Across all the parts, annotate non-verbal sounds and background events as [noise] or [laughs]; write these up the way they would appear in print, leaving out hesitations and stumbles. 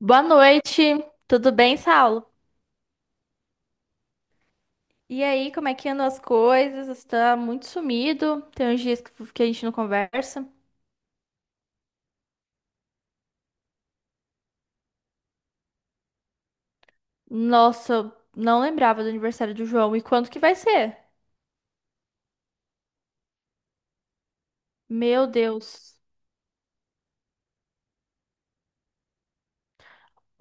Boa noite, tudo bem, Saulo? E aí, como é que andam as coisas? Você tá muito sumido, tem uns dias que a gente não conversa. Nossa, não lembrava do aniversário do João e quando que vai ser? Meu Deus.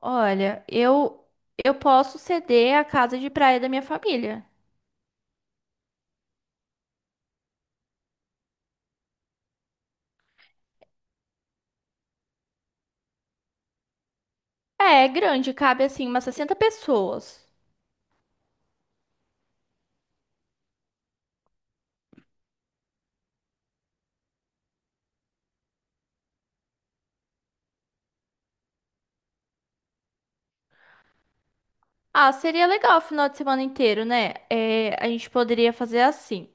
Olha, eu posso ceder a casa de praia da minha família. É, é grande, cabe assim umas 60 pessoas. Ah, seria legal o final de semana inteiro, né? É, a gente poderia fazer assim.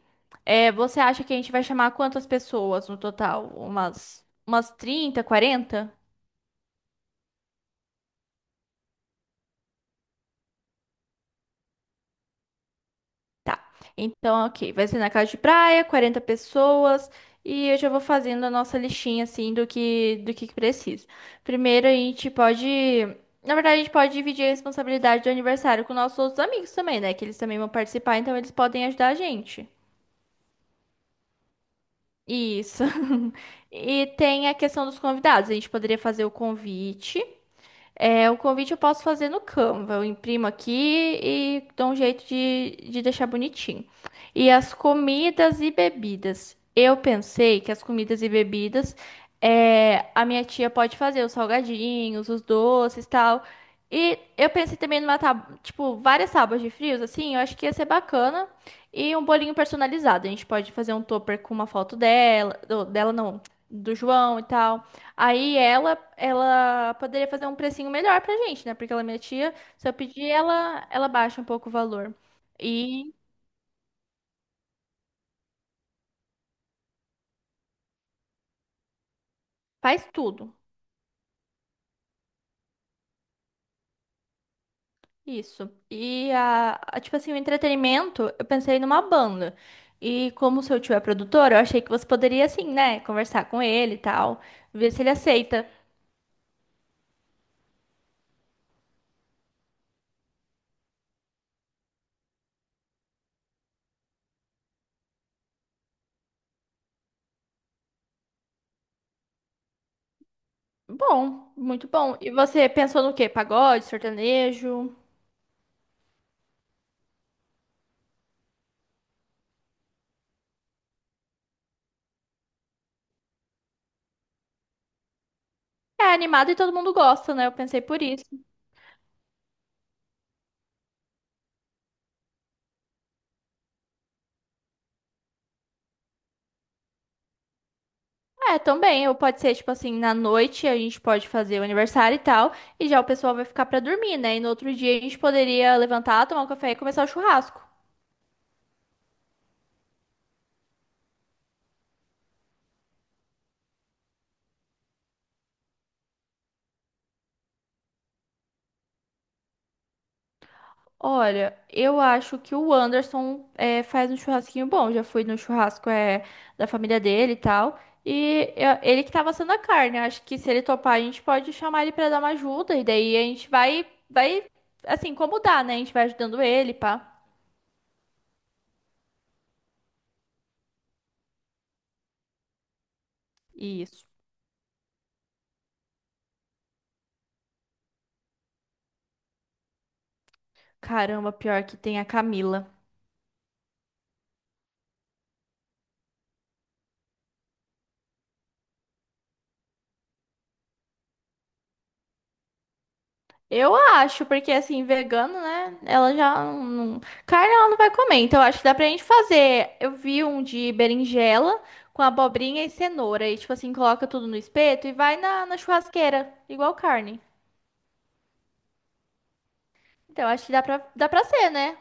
É, você acha que a gente vai chamar quantas pessoas no total? Umas 30, 40? Tá. Então, ok. Vai ser na casa de praia, 40 pessoas. E eu já vou fazendo a nossa listinha, assim, do que precisa. Primeiro, a gente pode. Na verdade, a gente pode dividir a responsabilidade do aniversário com nossos outros amigos também, né? Que eles também vão participar, então eles podem ajudar a gente. Isso. [laughs] E tem a questão dos convidados. A gente poderia fazer o convite. É, o convite eu posso fazer no Canva. Eu imprimo aqui e dou um jeito de deixar bonitinho. E as comidas e bebidas. Eu pensei que as comidas e bebidas, é, a minha tia pode fazer os salgadinhos, os doces e tal. E eu pensei também numa tábua, tipo, várias tábuas de frios, assim, eu acho que ia ser bacana. E um bolinho personalizado. A gente pode fazer um topper com uma foto dela, do- dela não, do João e tal. Aí ela poderia fazer um precinho melhor pra gente, né? Porque ela é minha tia. Se eu pedir, ela baixa um pouco o valor. E faz tudo. Isso. E tipo assim, o entretenimento, eu pensei numa banda. E como o seu tio é produtor, eu achei que você poderia, assim, né? Conversar com ele e tal. Ver se ele aceita. Bom, muito bom. E você pensou no quê? Pagode, sertanejo? É animado e todo mundo gosta, né? Eu pensei por isso. É, também, ou pode ser, tipo assim, na noite a gente pode fazer o aniversário e tal, e já o pessoal vai ficar pra dormir, né? E no outro dia a gente poderia levantar, tomar um café e começar o churrasco. Olha, eu acho que o Anderson é, faz um churrasquinho bom. Já fui no churrasco é, da família dele e tal. Ele que tava assando a carne. Acho que se ele topar, a gente pode chamar ele pra dar uma ajuda. E daí a gente assim, como dá, né? A gente vai ajudando ele, pá. Isso. Caramba, pior que tem a Camila. Eu acho, porque assim, vegano, né? Ela já não. Carne ela não vai comer. Então, eu acho que dá pra gente fazer. Eu vi um de berinjela com abobrinha e cenoura. E, tipo assim, coloca tudo no espeto e vai na, na churrasqueira, igual carne. Então, eu acho que dá pra ser, né?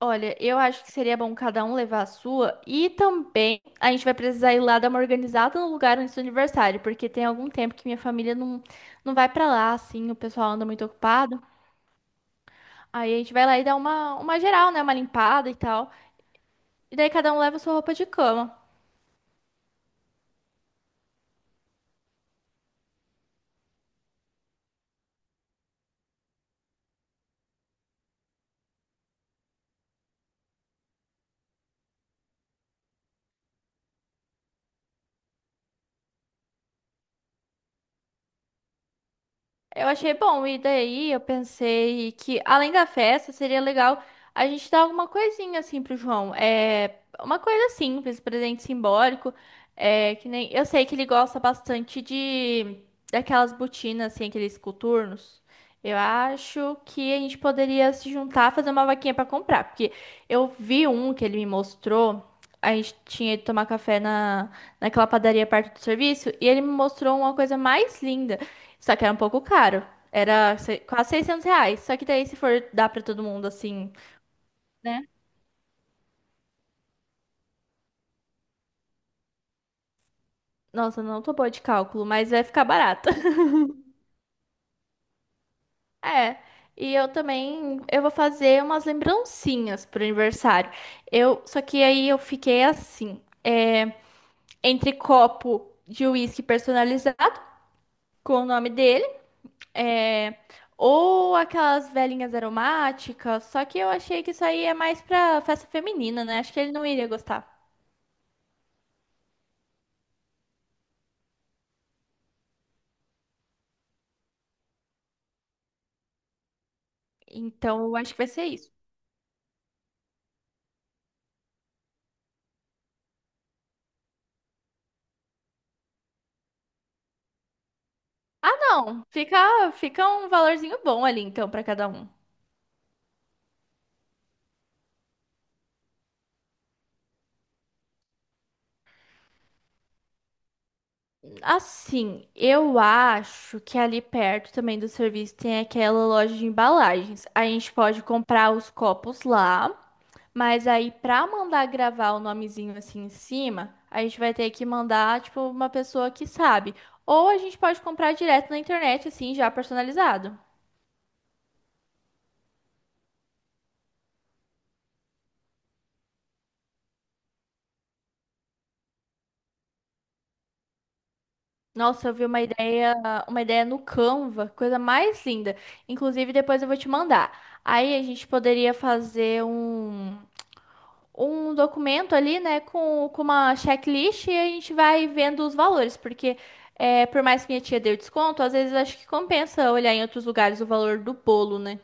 Olha, eu acho que seria bom cada um levar a sua. E também a gente vai precisar ir lá dar uma organizada no lugar antes do aniversário, porque tem algum tempo que minha família não, não vai pra lá, assim, o pessoal anda muito ocupado. Aí a gente vai lá e dá uma geral, né? Uma limpada e tal. E daí cada um leva a sua roupa de cama. Eu achei bom, e daí eu pensei que, além da festa, seria legal a gente dar alguma coisinha assim pro João. É uma coisa simples, presente simbólico. É que nem. Eu sei que ele gosta bastante de daquelas botinas, assim, aqueles coturnos. Eu acho que a gente poderia se juntar, fazer uma vaquinha pra comprar. Porque eu vi um que ele me mostrou. A gente tinha ido tomar café naquela padaria perto do serviço. E ele me mostrou uma coisa mais linda. Só que era um pouco caro. Era quase R$ 600. Só que daí, se for dar pra todo mundo assim. Nossa, não tô boa de cálculo, mas vai ficar barato. [laughs] É. E eu também. Eu vou fazer umas lembrancinhas pro aniversário. Eu, só que aí eu fiquei assim. É, entre copo de uísque personalizado, com o nome dele. É, ou aquelas velhinhas aromáticas. Só que eu achei que isso aí é mais pra festa feminina, né? Acho que ele não iria gostar. Então, eu acho que vai ser isso. Ah, não. Fica, fica um valorzinho bom ali, então, pra cada um. Assim, eu acho que ali perto também do serviço tem aquela loja de embalagens. A gente pode comprar os copos lá, mas aí pra mandar gravar o nomezinho assim em cima, a gente vai ter que mandar, tipo, uma pessoa que sabe. Ou a gente pode comprar direto na internet, assim, já personalizado. Nossa, eu vi uma ideia no Canva, coisa mais linda. Inclusive, depois eu vou te mandar. Aí a gente poderia fazer um documento ali, né, com uma checklist e a gente vai vendo os valores, porque é, por mais que minha tia deu desconto, às vezes acho que compensa olhar em outros lugares o valor do bolo, né?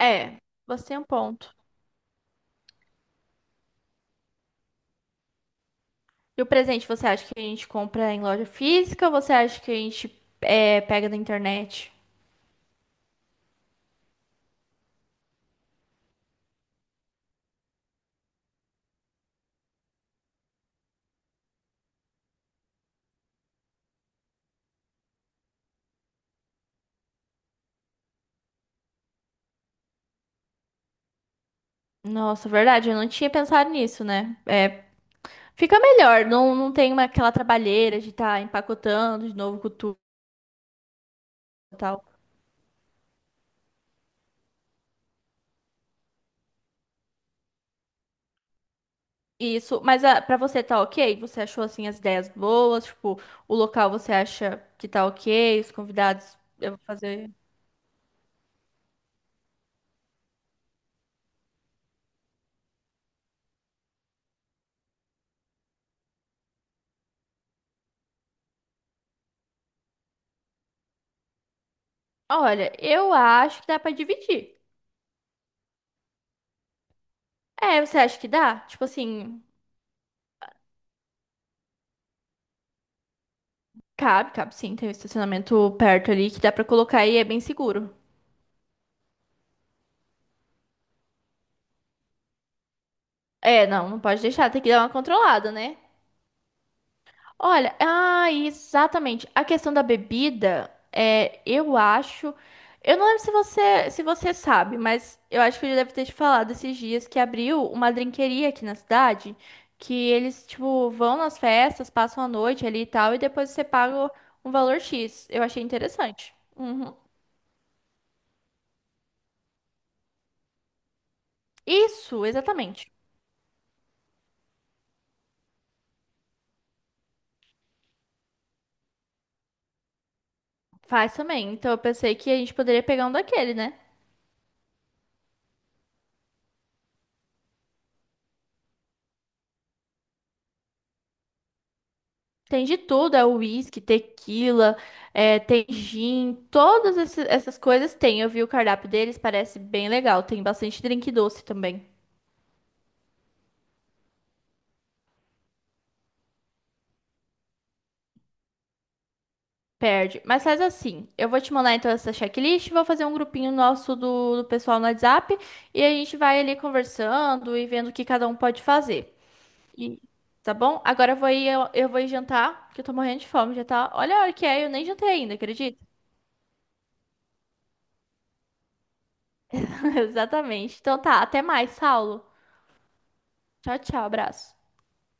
É, você tem um ponto. E o presente, você acha que a gente compra em loja física ou você acha que a gente é, pega na internet? Nossa, verdade, eu não tinha pensado nisso, né? É, fica melhor, não, não tem uma, aquela trabalheira de estar empacotando de novo com tudo e tal. Isso, mas ah, pra você tá ok? Você achou assim as ideias boas? Tipo, o local você acha que tá ok? Os convidados, eu vou fazer. Olha, eu acho que dá pra dividir. É, você acha que dá? Tipo assim, cabe, cabe sim, tem um estacionamento perto ali que dá pra colocar e é bem seguro. É, não, não pode deixar, tem que dar uma controlada, né? Olha, ah, exatamente. A questão da bebida, é, eu acho. Eu não lembro se você sabe, mas eu acho que eu já deve ter te falado esses dias que abriu uma drinqueria aqui na cidade, que eles, tipo, vão nas festas, passam a noite ali e tal, e depois você paga um valor X. Eu achei interessante. Uhum. Isso, exatamente. Faz também. Então eu pensei que a gente poderia pegar um daquele, né? Tem de tudo, é uísque, tequila, é, tem gin, todas essas coisas tem. Eu vi o cardápio deles, parece bem legal. Tem bastante drink doce também. Perde. Mas faz assim, eu vou te mandar então essa checklist, vou fazer um grupinho nosso do pessoal no WhatsApp e a gente vai ali conversando e vendo o que cada um pode fazer. E- tá bom? Agora eu vou ir, eu vou ir jantar, que eu tô morrendo de fome, já tá. Olha a hora que é, eu nem jantei ainda, acredita? [laughs] Exatamente. Então tá, até mais, Saulo. Tchau, tchau, abraço.